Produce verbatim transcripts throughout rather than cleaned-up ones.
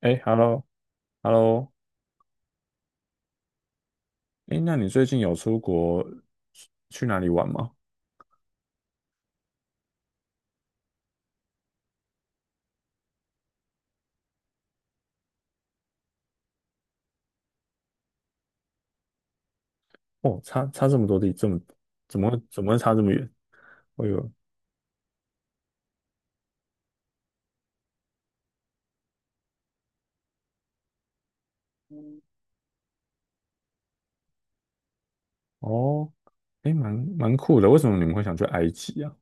哎，hello，hello，哎，那你最近有出国去哪里玩吗？哦，差差这么多地，这么怎么会怎么会差这么远？哎呦，哦，哎，蛮蛮酷的。为什么你们会想去埃及啊？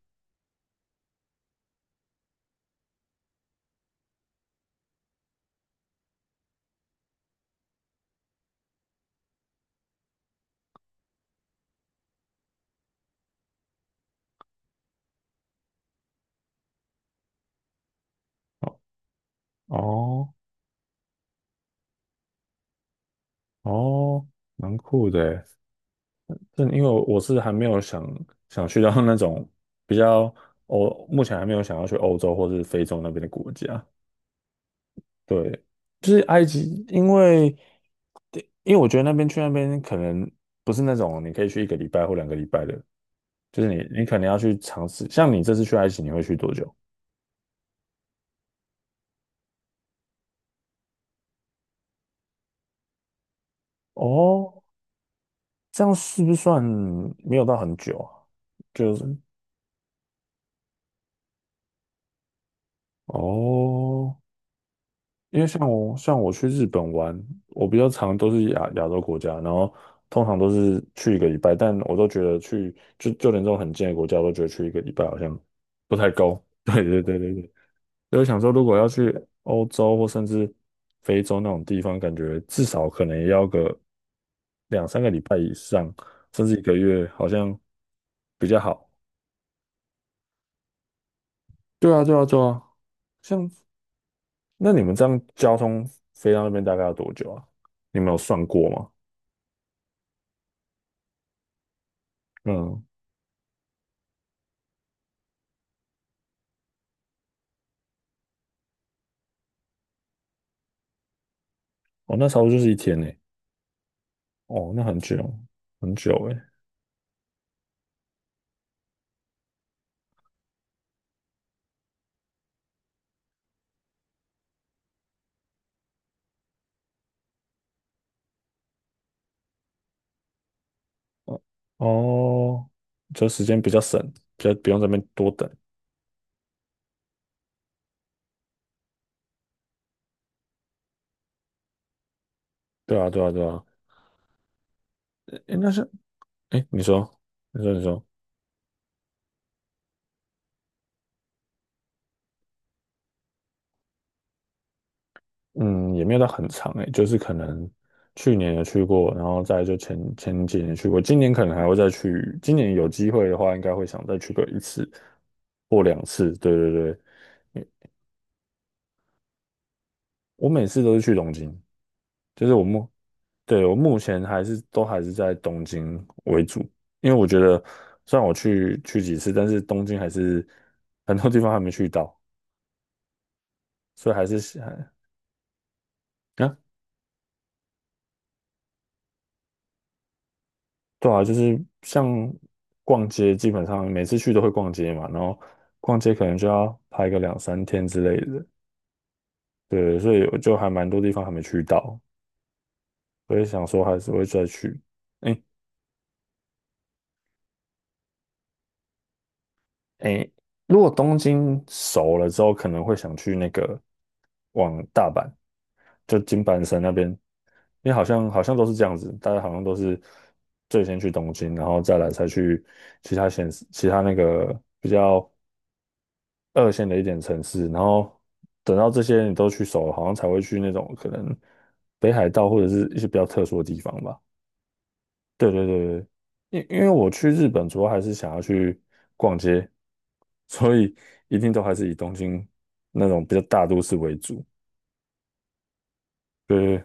哦哦哦，蛮酷的诶。但因为我是还没有想想去到那种比较欧，目前还没有想要去欧洲或是非洲那边的国家，对，就是埃及，因为因为我觉得那边去那边可能不是那种你可以去一个礼拜或两个礼拜的，就是你你可能要去尝试。像你这次去埃及，你会去多久？哦，这样是不是算没有到很久啊？就是哦，因为像我像我去日本玩，我比较常都是亚亚洲国家，然后通常都是去一个礼拜，但我都觉得去就就连这种很近的国家，我都觉得去一个礼拜好像不太够。对对对对对。就是想说，如果要去欧洲或甚至非洲那种地方，感觉至少可能也要个两三个礼拜以上，甚至一个月，好像比较好。对啊，对啊，对啊。像那你们这样交通飞到那边大概要多久啊？你们有算过吗？嗯，哦，那差不多就是一天呢。哦，那很久，很久诶。哦，哦，就时间比较省，比较不用在那边多等。对啊，对啊，对啊。诶，那是，诶，你说，你说，你说。嗯，也没有到很长诶，就是可能去年有去过，然后再来就前前几年去过，今年可能还会再去，今年有机会的话，应该会想再去个一次或两次。对对对，我每次都是去东京，就是我目，对，我目前还是都还是在东京为主，因为我觉得虽然我去去几次，但是东京还是很多地方还没去到，所以还是想啊。对啊，就是像逛街，基本上每次去都会逛街嘛，然后逛街可能就要拍个两三天之类的，对，所以我就还蛮多地方还没去到，所以想说还是会再去。哎哎，如果东京熟了之后，可能会想去那个往大阪，就金板神那边，因为好像好像都是这样子，大家好像都是最先去东京，然后再来才去其他县市，其他那个比较。二线的一点城市，然后等到这些你都去熟了，好像才会去那种可能北海道或者是一些比较特殊的地方吧。对对对对，因因为我去日本主要还是想要去逛街，所以一定都还是以东京那种比较大都市为主。对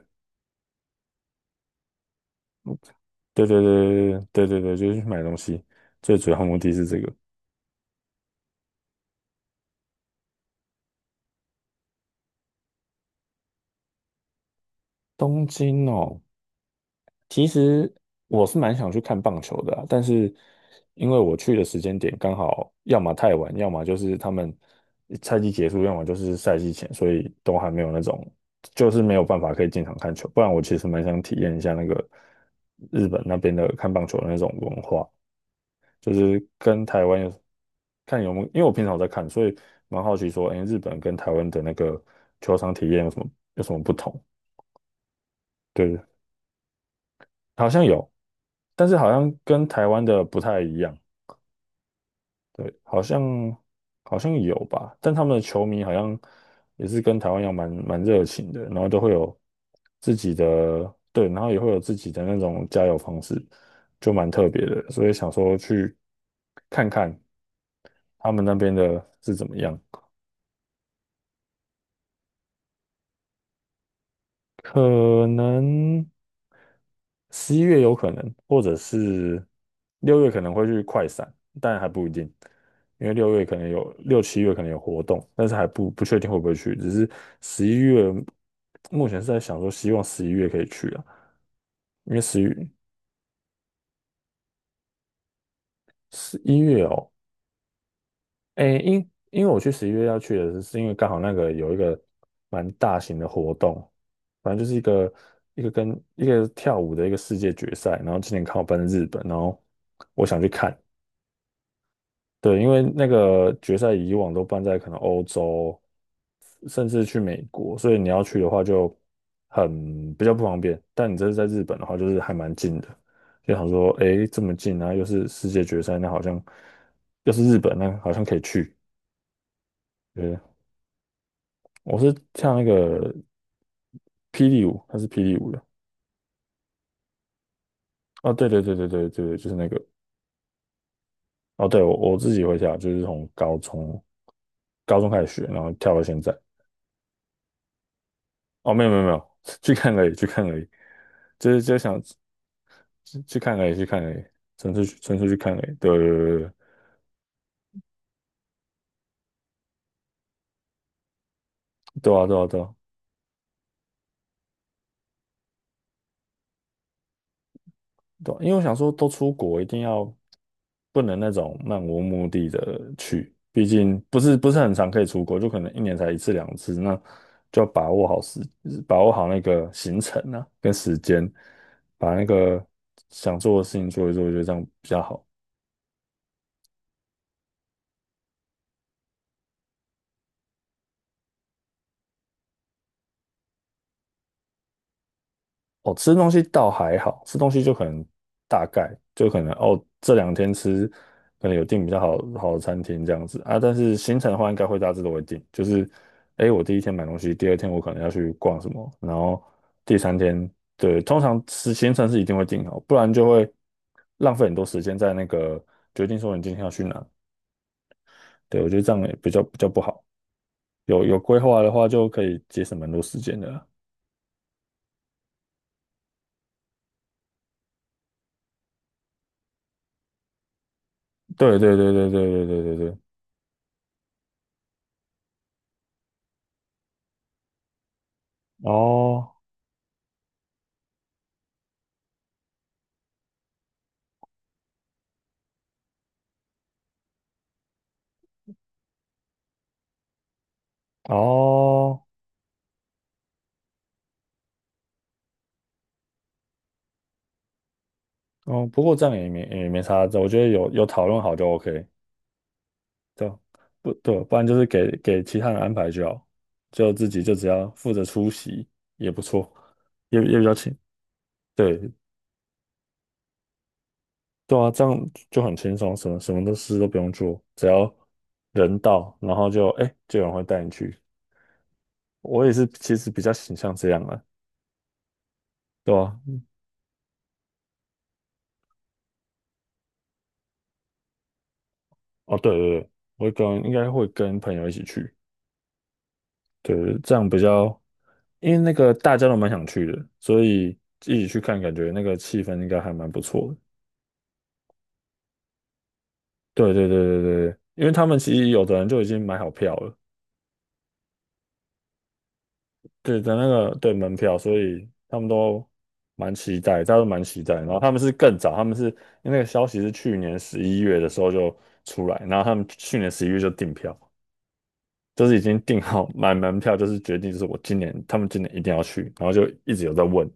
对对对对对对对对，就是去买东西，最主要目的是这个。东京哦，其实我是蛮想去看棒球的啊，但是因为我去的时间点刚好要么太晚，要么就是他们赛季结束，要么就是赛季前，所以都还没有那种，就是没有办法可以进场看球。不然我其实蛮想体验一下那个日本那边的看棒球的那种文化，就是跟台湾有看有没有，因为我平常有在看，所以蛮好奇说，哎，日本跟台湾的那个球场体验有什么有什么不同？对。好像有，但是好像跟台湾的不太一样。对，好像好像有吧，但他们的球迷好像也是跟台湾一样蛮蛮热情的，然后都会有自己的，对，然后也会有自己的那种加油方式，就蛮特别的，所以想说去看看他们那边的是怎么样。可能十一月有可能，或者是六月可能会去快闪，但还不一定，因为六月可能有六七月可能有活动，但是还不不确定会不会去，只是十一月目前是在想说，希望十一月可以去啊，因为十一十一月哦，诶，因因为我去十一月要去的是，是因为刚好那个有一个蛮大型的活动，反正就是一个一个跟一个跳舞的一个世界决赛，然后今年看我办在日本，然后我想去看，对，因为那个决赛以往都办在可能欧洲，甚至去美国，所以你要去的话就很比较不方便，但你这是在日本的话，就是还蛮近的。就想说，诶，这么近啊，又是世界决赛，那好像又是日本，那好像可以去。对，我是跳那个霹雳舞，它是霹雳舞的。哦，对对对对对对对就是那个。哦，对，我我自己会跳，就是从高中高中开始学，然后跳到现在。哦，没有没有没有，去看而已，去看而已，就是就想去去看而已，去看而已，纯粹去纯粹去看而已。对对对对对，对啊对啊对啊，对啊因为我想说，都出国一定要不能那种漫无目的的去，毕竟不是不是很常可以出国，就可能一年才一次两次，那就要把握好时，把握好那个行程啊，跟时间，把那个想做的事情做一做，我觉得这样比较好。哦，吃东西倒还好，吃东西就可能大概就可能哦，这两天吃可能有订比较好好的餐厅这样子啊，但是行程的话应该会大致都会定，就是诶，我第一天买东西，第二天我可能要去逛什么，然后第三天对，通常是行程是一定会定好，不然就会浪费很多时间在那个决定说你今天要去哪，对，我觉得这样也比较比较不好，有有规划的话就可以节省蛮多时间的啦。对对对对对对对对对，哦。哦，哦，不过这样也没也没啥，这我觉得有有讨论好就 OK，对，不对，不然就是给给其他人安排就好，就自己就只要负责出席也不错，也也比较轻，对对啊，这样就很轻松，什么什么都事都不用做，只要人到，然后就哎就有人会带你去。我也是，其实比较倾向这样啊，对啊，哦对对对，我会跟应该会跟朋友一起去，对，这样比较，因为那个大家都蛮想去的，所以一起去看，感觉那个气氛应该还蛮不错的。对对对对对，因为他们其实有的人就已经买好票了，对的那个对门票，所以他们都蛮期待，大家都蛮期待。然后他们是更早，他们是因为那个消息是去年十一月的时候就出来，然后他们去年十一月就订票，就是已经订好买门票，就是决定就是我今年他们今年一定要去，然后就一直有在问。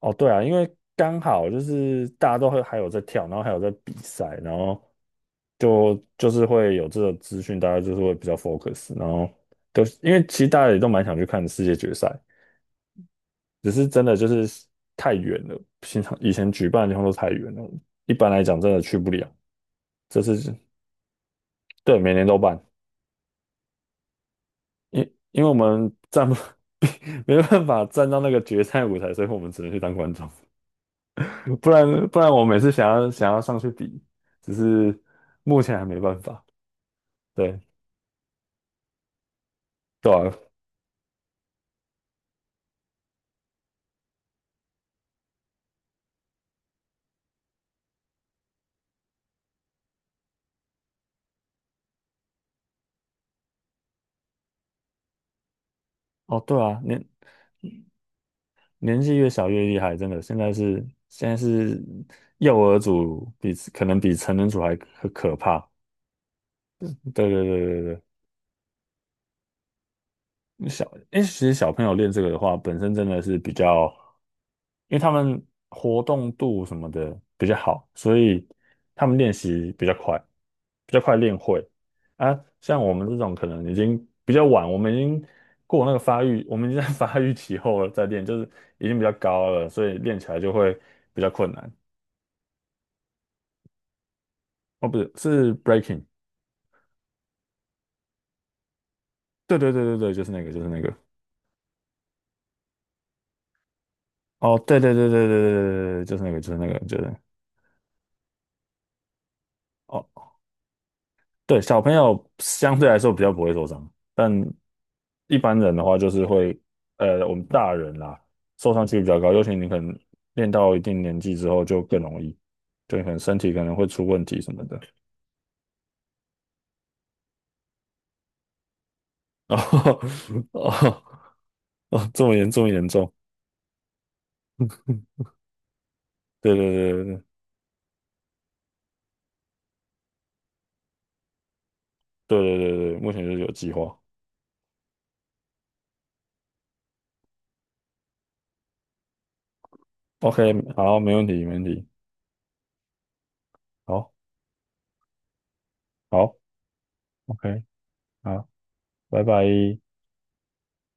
哦，对啊，因为刚好就是大家都会还有在跳，然后还有在比赛，然后就就是会有这个资讯，大家就是会比较 focus，然后都因为其实大家也都蛮想去看世界决赛，只是真的就是太远了，平常以前举办的地方都太远了，一般来讲真的去不了。这是对每年都办，因因为我们站不 没办法站到那个决赛舞台，所以我们只能去当观众。不然不然我每次想要想要上去比，只是目前还没办法。对对啊，哦对啊，年年纪越小越厉害，真的。现在是现在是幼儿组比可能比成人组还可可怕。对对对对对，小，因为其实小朋友练这个的话，本身真的是比较。因为他们活动度什么的比较好，所以他们练习比较快，比较快练会。啊，像我们这种可能已经比较晚，我们已经过那个发育，我们已经在 发育期后了再练，就是已经比较高了，所以练起来就会比较困难。哦，不是，是 breaking。对对对对对，就是那个，就是那个。哦，对对对对对对对，对就是那个，就是那个，就是那个。哦对，小朋友相对来说比较不会受伤，但一般人的话就是会，呃，我们大人啦，受伤几率比较高，尤其你可能练到一定年纪之后就更容易，就你可能身体可能会出问题什么的。哦哦哦，这么严重严重，对对对对对对对对，目前就是有计划。OK，好，没问题没问题，好，好，OK，好，拜拜。